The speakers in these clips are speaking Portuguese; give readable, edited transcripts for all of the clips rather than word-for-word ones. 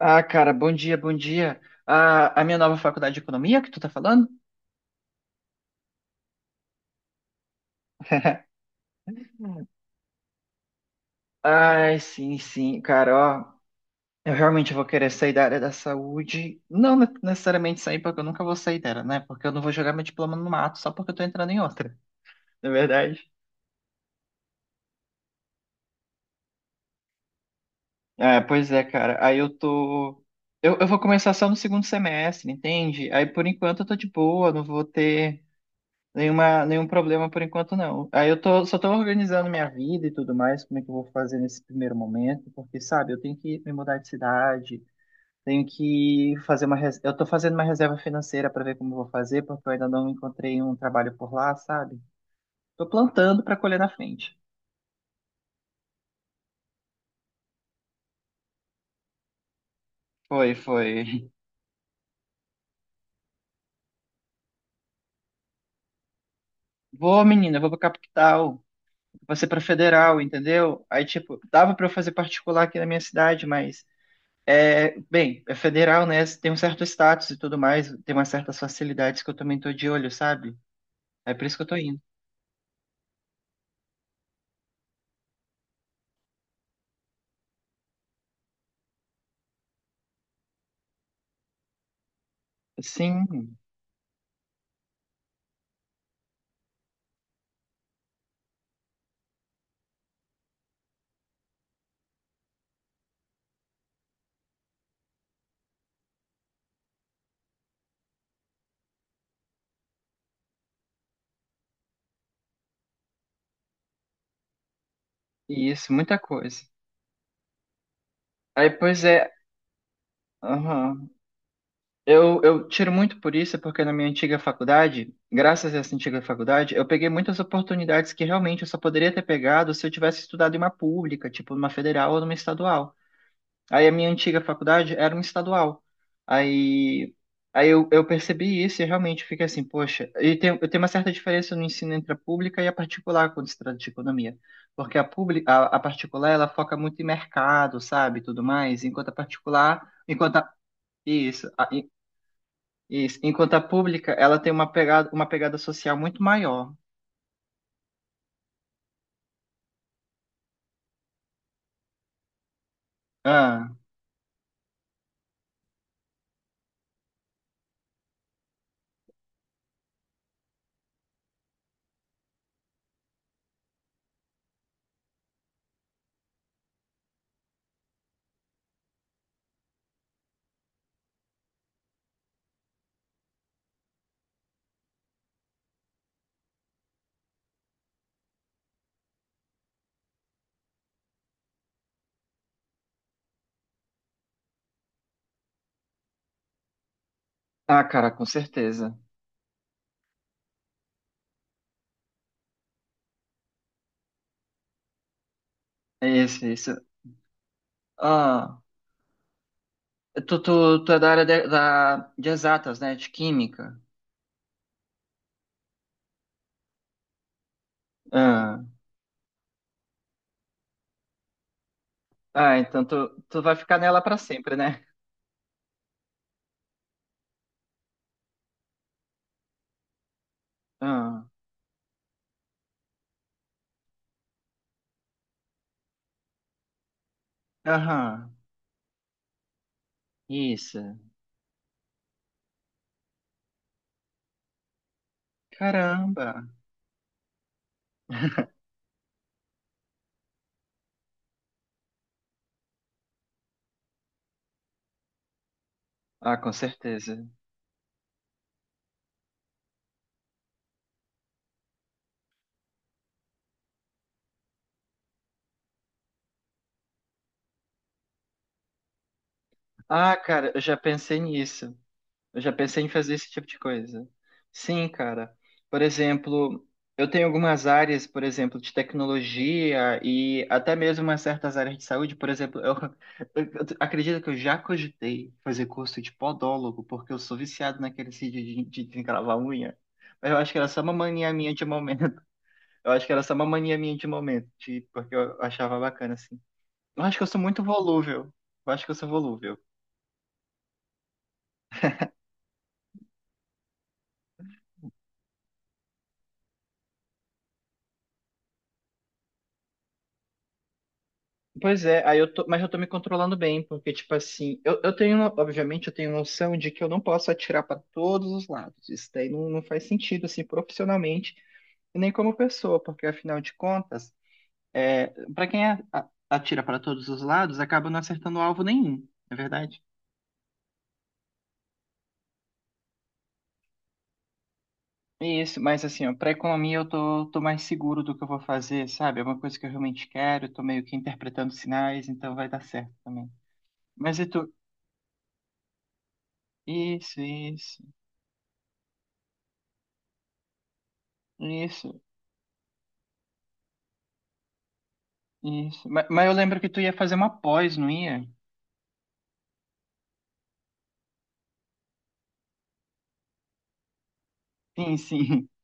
Ah, cara, bom dia, bom dia. Ah, a minha nova faculdade de economia que tu tá falando? Ai, sim, sim, cara, ó. Eu realmente vou querer sair da área da saúde. Não necessariamente sair, porque eu nunca vou sair dela, né? Porque eu não vou jogar meu diploma no mato só porque eu tô entrando em outra, na verdade. É, pois é, cara. Aí eu tô. Eu vou começar só no segundo semestre, entende? Aí por enquanto eu tô de boa, não vou ter. Nenhum problema por enquanto, não. Aí eu tô, só tô organizando minha vida e tudo mais, como é que eu vou fazer nesse primeiro momento, porque, sabe, eu tenho que me mudar de cidade, tenho que fazer Eu tô fazendo uma reserva financeira para ver como eu vou fazer, porque eu ainda não encontrei um trabalho por lá, sabe? Tô plantando para colher na frente. Foi. Vou, menina, vou pra capital, vou ser pra federal, entendeu? Aí, tipo, dava para eu fazer particular aqui na minha cidade, mas... É, bem, é federal, né? Tem um certo status e tudo mais, tem umas certas facilidades que eu também tô de olho, sabe? É por isso que eu tô indo. Sim, isso, muita coisa. Aí, pois é, aham. Eu tiro muito por isso, porque na minha antiga faculdade, graças a essa antiga faculdade, eu peguei muitas oportunidades que realmente eu só poderia ter pegado se eu tivesse estudado em uma pública, tipo numa federal ou numa estadual. Aí a minha antiga faculdade era uma estadual. Aí, aí eu percebi isso e realmente fiquei assim, poxa, e tem, eu tenho uma certa diferença no ensino entre a pública e a particular quando se trata de economia. Porque a pública, a particular, ela foca muito em mercado, sabe, tudo mais, enquanto a particular, enquanto a, isso, a- i- isso, enquanto a pública, ela tem uma pegada social muito maior. Ah, ah, cara, com certeza. É isso, é isso. Ah, tu é da área de exatas, né, de química. Ah, ah, então tu vai ficar nela pra sempre, né? Ah, aham, isso. Caramba. Ah, com certeza. Ah, cara, eu já pensei nisso. Eu já pensei em fazer esse tipo de coisa. Sim, cara. Por exemplo, eu tenho algumas áreas, por exemplo, de tecnologia e até mesmo umas certas áreas de saúde. Por exemplo, eu, acredito que eu já cogitei fazer curso de podólogo, porque eu sou viciado naquele sítio de encravar unha. Mas eu acho que era só uma mania minha de momento. Eu acho que era só uma mania minha de momento, de, porque eu achava bacana, assim. Eu acho que eu sou muito volúvel. Eu acho que eu sou volúvel. Pois é, aí eu tô, mas eu tô me controlando bem, porque, tipo assim, eu tenho, obviamente, eu tenho noção de que eu não posso atirar para todos os lados. Isso daí não, não faz sentido, assim, profissionalmente, e nem como pessoa, porque, afinal de contas, é, para quem atira para todos os lados, acaba não acertando alvo nenhum, não é verdade? É isso, mas assim, ó, pra economia eu tô mais seguro do que eu vou fazer, sabe? É uma coisa que eu realmente quero, eu tô meio que interpretando sinais, então vai dar certo também. Mas e tu? Isso, isso, isso. Isso. Mas eu lembro que tu ia fazer uma pós, não ia? Sim, sim,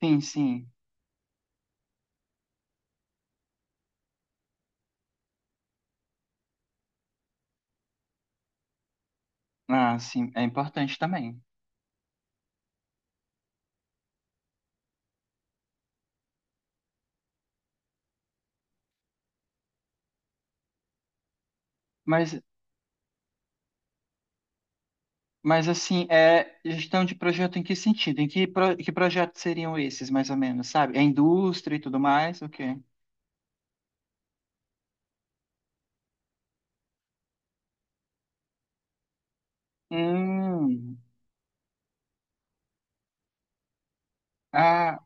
sim, sim. Ah, sim, é importante também. Mas, mas assim, é gestão de projeto em que sentido? Que projetos seriam esses, mais ou menos, sabe? É indústria e tudo mais, o quê? Hum, ah,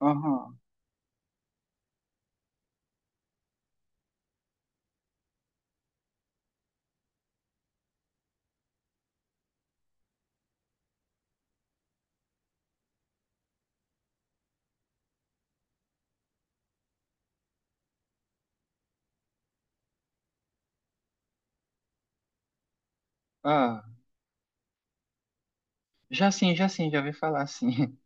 aham, ah, já sim, já sim, já ouvi falar, sim.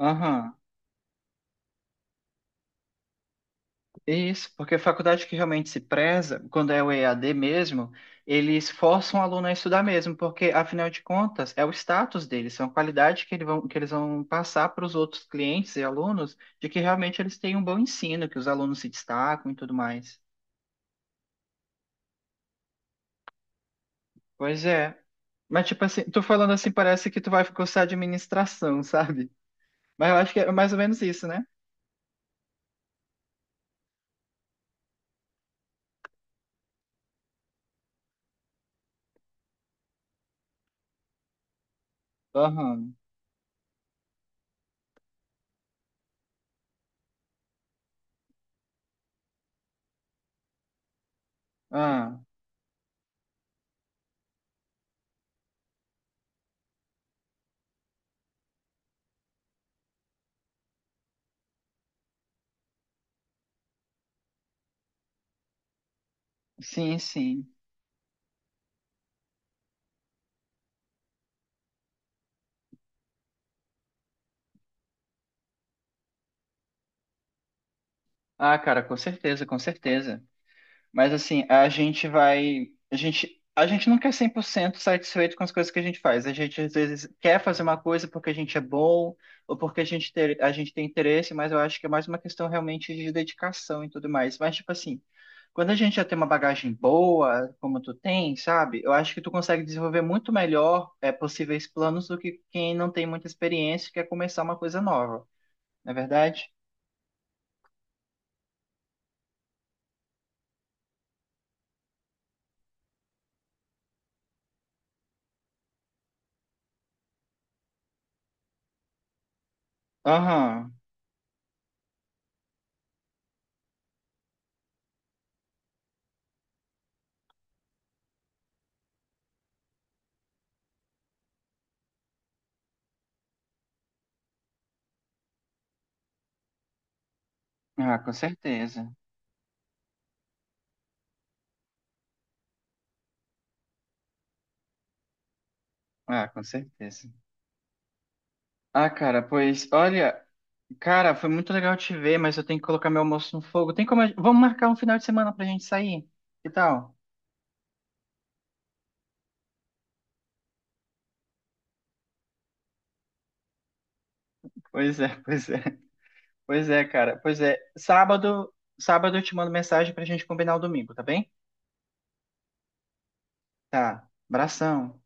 Aham. Isso, porque a faculdade que realmente se preza, quando é o EAD mesmo, eles forçam o aluno a estudar mesmo, porque, afinal de contas, é o status deles, são a qualidade que, que eles vão passar para os outros clientes e alunos, de que realmente eles têm um bom ensino, que os alunos se destacam e tudo mais. Pois é. Mas, tipo assim, tu falando assim, parece que tu vai cursar administração, sabe? Mas eu acho que é mais ou menos isso, né? Aham. Ah, sim, sim. Ah, cara, com certeza, com certeza. Mas assim, a gente vai. A gente nunca é 100% satisfeito com as coisas que a gente faz. A gente às vezes quer fazer uma coisa porque a gente é bom ou porque a gente, ter, a gente tem interesse, mas eu acho que é mais uma questão realmente de dedicação e tudo mais. Mas, tipo assim, quando a gente já tem uma bagagem boa, como tu tem, sabe? Eu acho que tu consegue desenvolver muito melhor é, possíveis planos do que quem não tem muita experiência e quer começar uma coisa nova, não é verdade? Aham. Ah, com certeza. Ah, com certeza. Ah, cara, pois olha, cara, foi muito legal te ver, mas eu tenho que colocar meu almoço no fogo. Tem como. Vamos marcar um final de semana pra gente sair? Que tal? Pois é, pois é. Pois é, cara. Pois é. Sábado eu te mando mensagem pra gente combinar o domingo, tá bem? Tá. Abração.